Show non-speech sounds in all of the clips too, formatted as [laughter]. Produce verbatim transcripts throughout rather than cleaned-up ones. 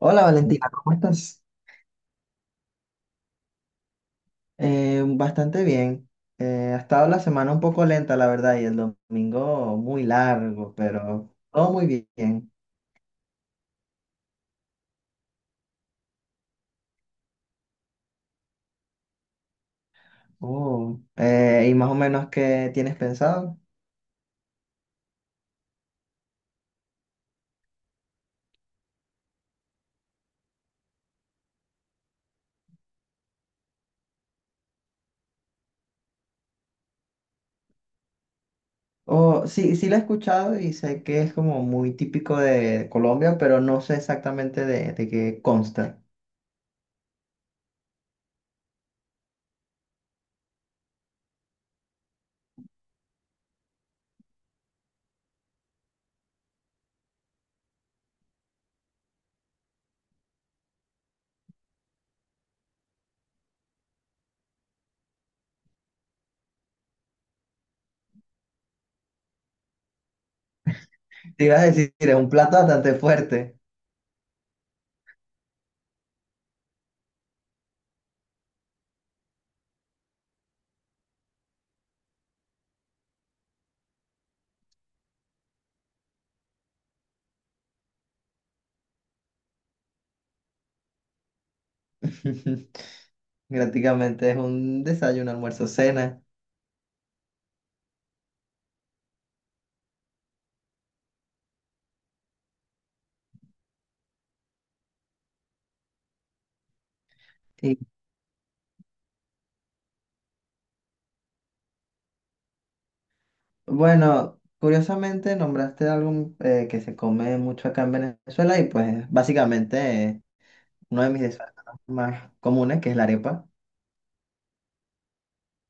Hola Valentina, ¿cómo estás? Eh, bastante bien. Eh, ha estado la semana un poco lenta, la verdad, y el domingo muy largo, pero todo muy bien. Oh, eh, ¿y más o menos qué tienes pensado? Oh, sí, sí la he escuchado y sé que es como muy típico de Colombia, pero no sé exactamente de, de qué consta. Te iba a decir, es un plato bastante fuerte. [laughs] Prácticamente es un desayuno, almuerzo, cena. Bueno, curiosamente nombraste algo eh, que se come mucho acá en Venezuela y pues básicamente eh, uno de mis desayunos más comunes que es la arepa.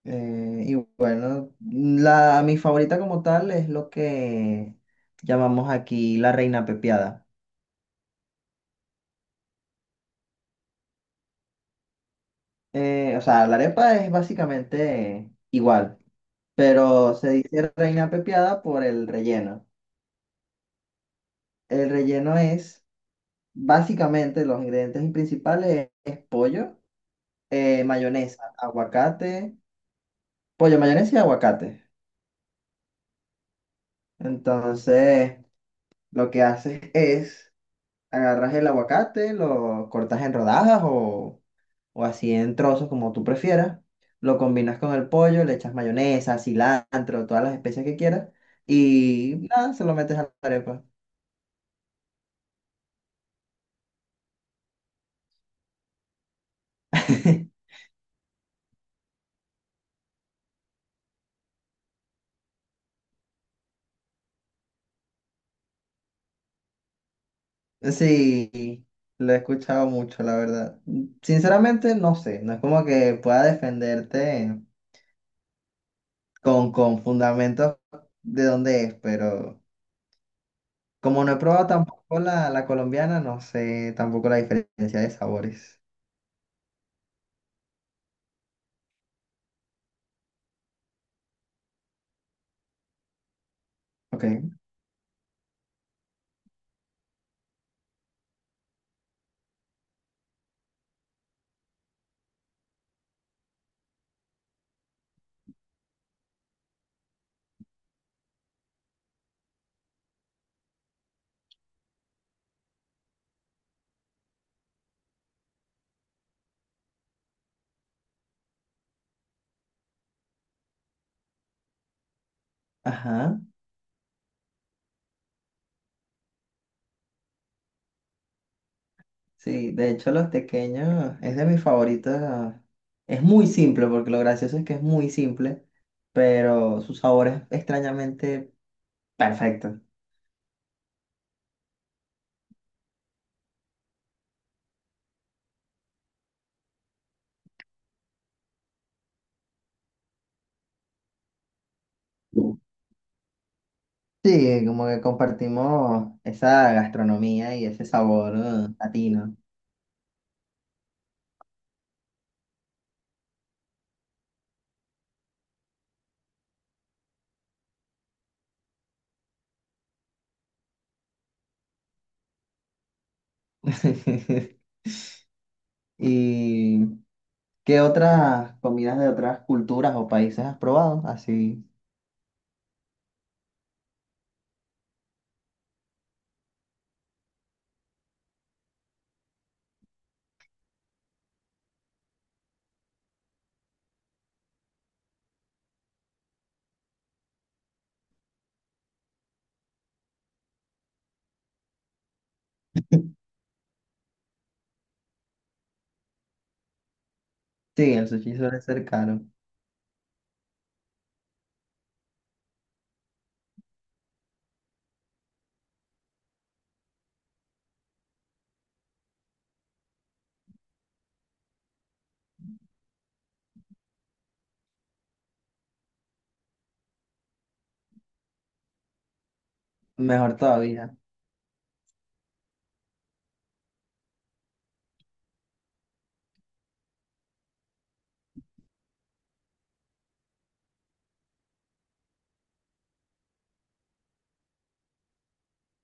Eh, y bueno, la, mi favorita como tal es lo que llamamos aquí la reina pepiada. Eh, o sea, la arepa es básicamente igual, pero se dice reina pepiada por el relleno. El relleno es básicamente los ingredientes principales es es pollo. eh, mayonesa, aguacate, pollo, mayonesa y aguacate. Entonces, lo que haces es agarras el aguacate, lo cortas en rodajas o, o así en trozos como tú prefieras, lo combinas con el pollo, le echas mayonesa, cilantro, todas las especias que quieras y nada, se lo metes a la arepa. [laughs] Sí, lo he escuchado mucho, la verdad. Sinceramente, no sé, no es como que pueda defenderte con, con fundamentos de dónde es, pero como no he probado tampoco la, la colombiana, no sé tampoco la diferencia de sabores. Ok. Ajá. Sí, de hecho los tequeños es de mis favoritos. Es muy simple, porque lo gracioso es que es muy simple, pero su sabor es extrañamente perfecto. Sí, como que compartimos esa gastronomía y ese sabor eh, latino. [laughs] Y ¿qué otras comidas de otras culturas o países has probado? Así. Sí, el sushi suele ser caro. Mejor todavía.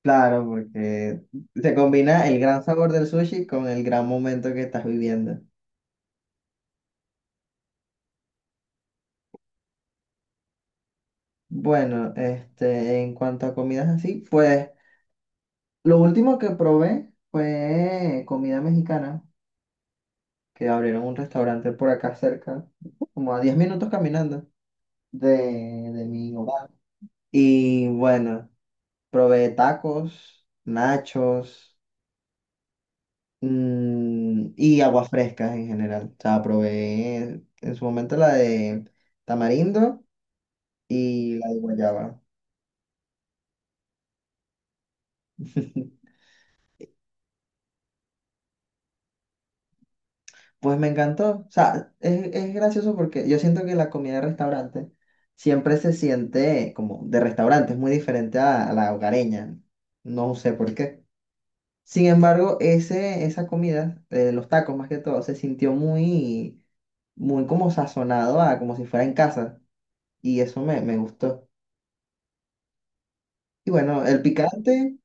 Claro, porque se combina el gran sabor del sushi con el gran momento que estás viviendo. Bueno, este, en cuanto a comidas así, pues lo último que probé fue comida mexicana, que abrieron un restaurante por acá cerca, como a diez minutos caminando de, de mi hogar. Y bueno, probé tacos, nachos, mm, y aguas frescas en general. O sea, probé en su momento la de tamarindo y la de guayaba. [laughs] Pues me encantó. O sea, es, es gracioso porque yo siento que la comida de restaurante siempre se siente como de restaurante, es muy diferente a, a la hogareña. No sé por qué. Sin embargo, ese, esa comida, eh, los tacos más que todo, se sintió muy, muy como sazonado a como si fuera en casa. Y eso me, me gustó. Y bueno, el picante,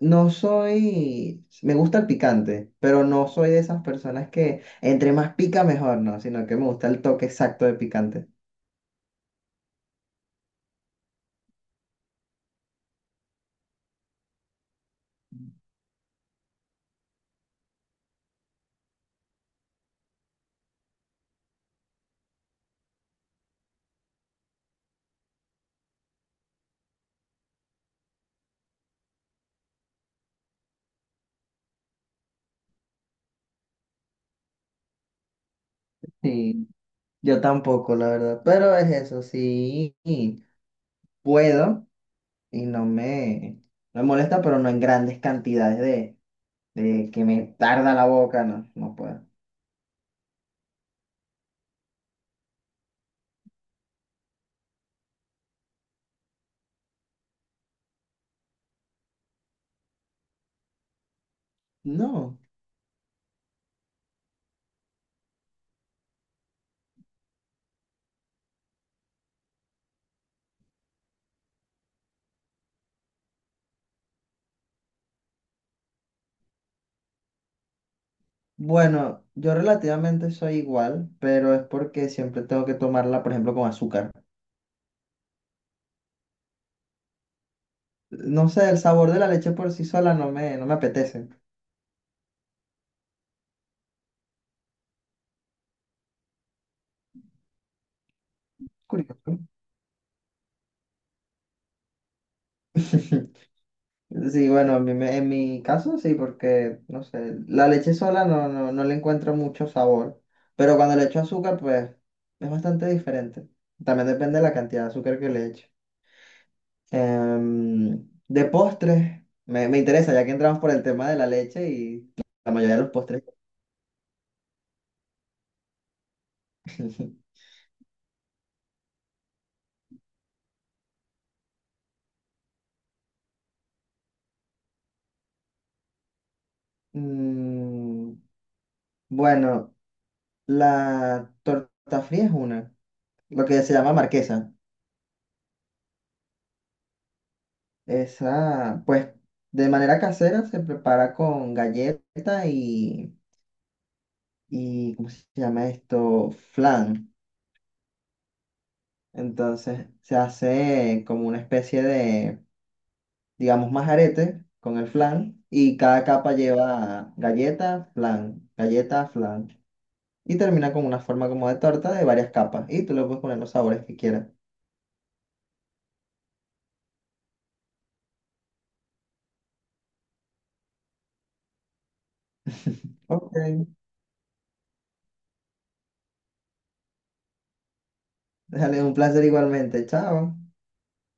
no soy, me gusta el picante, pero no soy de esas personas que entre más pica mejor, ¿no? Sino que me gusta el toque exacto de picante. Sí, yo tampoco, la verdad. Pero es eso, sí, y puedo y no me, no me molesta, pero no en grandes cantidades de de que me tarda la boca, no, no puedo. No. Bueno, yo relativamente soy igual, pero es porque siempre tengo que tomarla, por ejemplo, con azúcar. No sé, el sabor de la leche por sí sola no me, no me apetece. Curioso. [laughs] Sí, bueno, a mí me- en mi caso sí, porque, no sé, la leche sola no, no, no le encuentro mucho sabor, pero cuando le echo azúcar, pues es bastante diferente. También depende de la cantidad de azúcar que le echo. Em, de postres, me, me interesa, ya que entramos por el tema de la leche y la mayoría de los postres. [laughs] Mm, bueno, la torta fría es una, lo que se llama marquesa. Esa, pues, de manera casera se prepara con galleta y, y ¿cómo se llama esto? Flan. Entonces se hace como una especie de digamos, más aretes con el flan y cada capa lleva galleta, flan, galleta, flan. Y termina con una forma como de torta de varias capas. Y tú le puedes poner los sabores que quieras. [laughs] Ok, déjale un placer igualmente. Chao.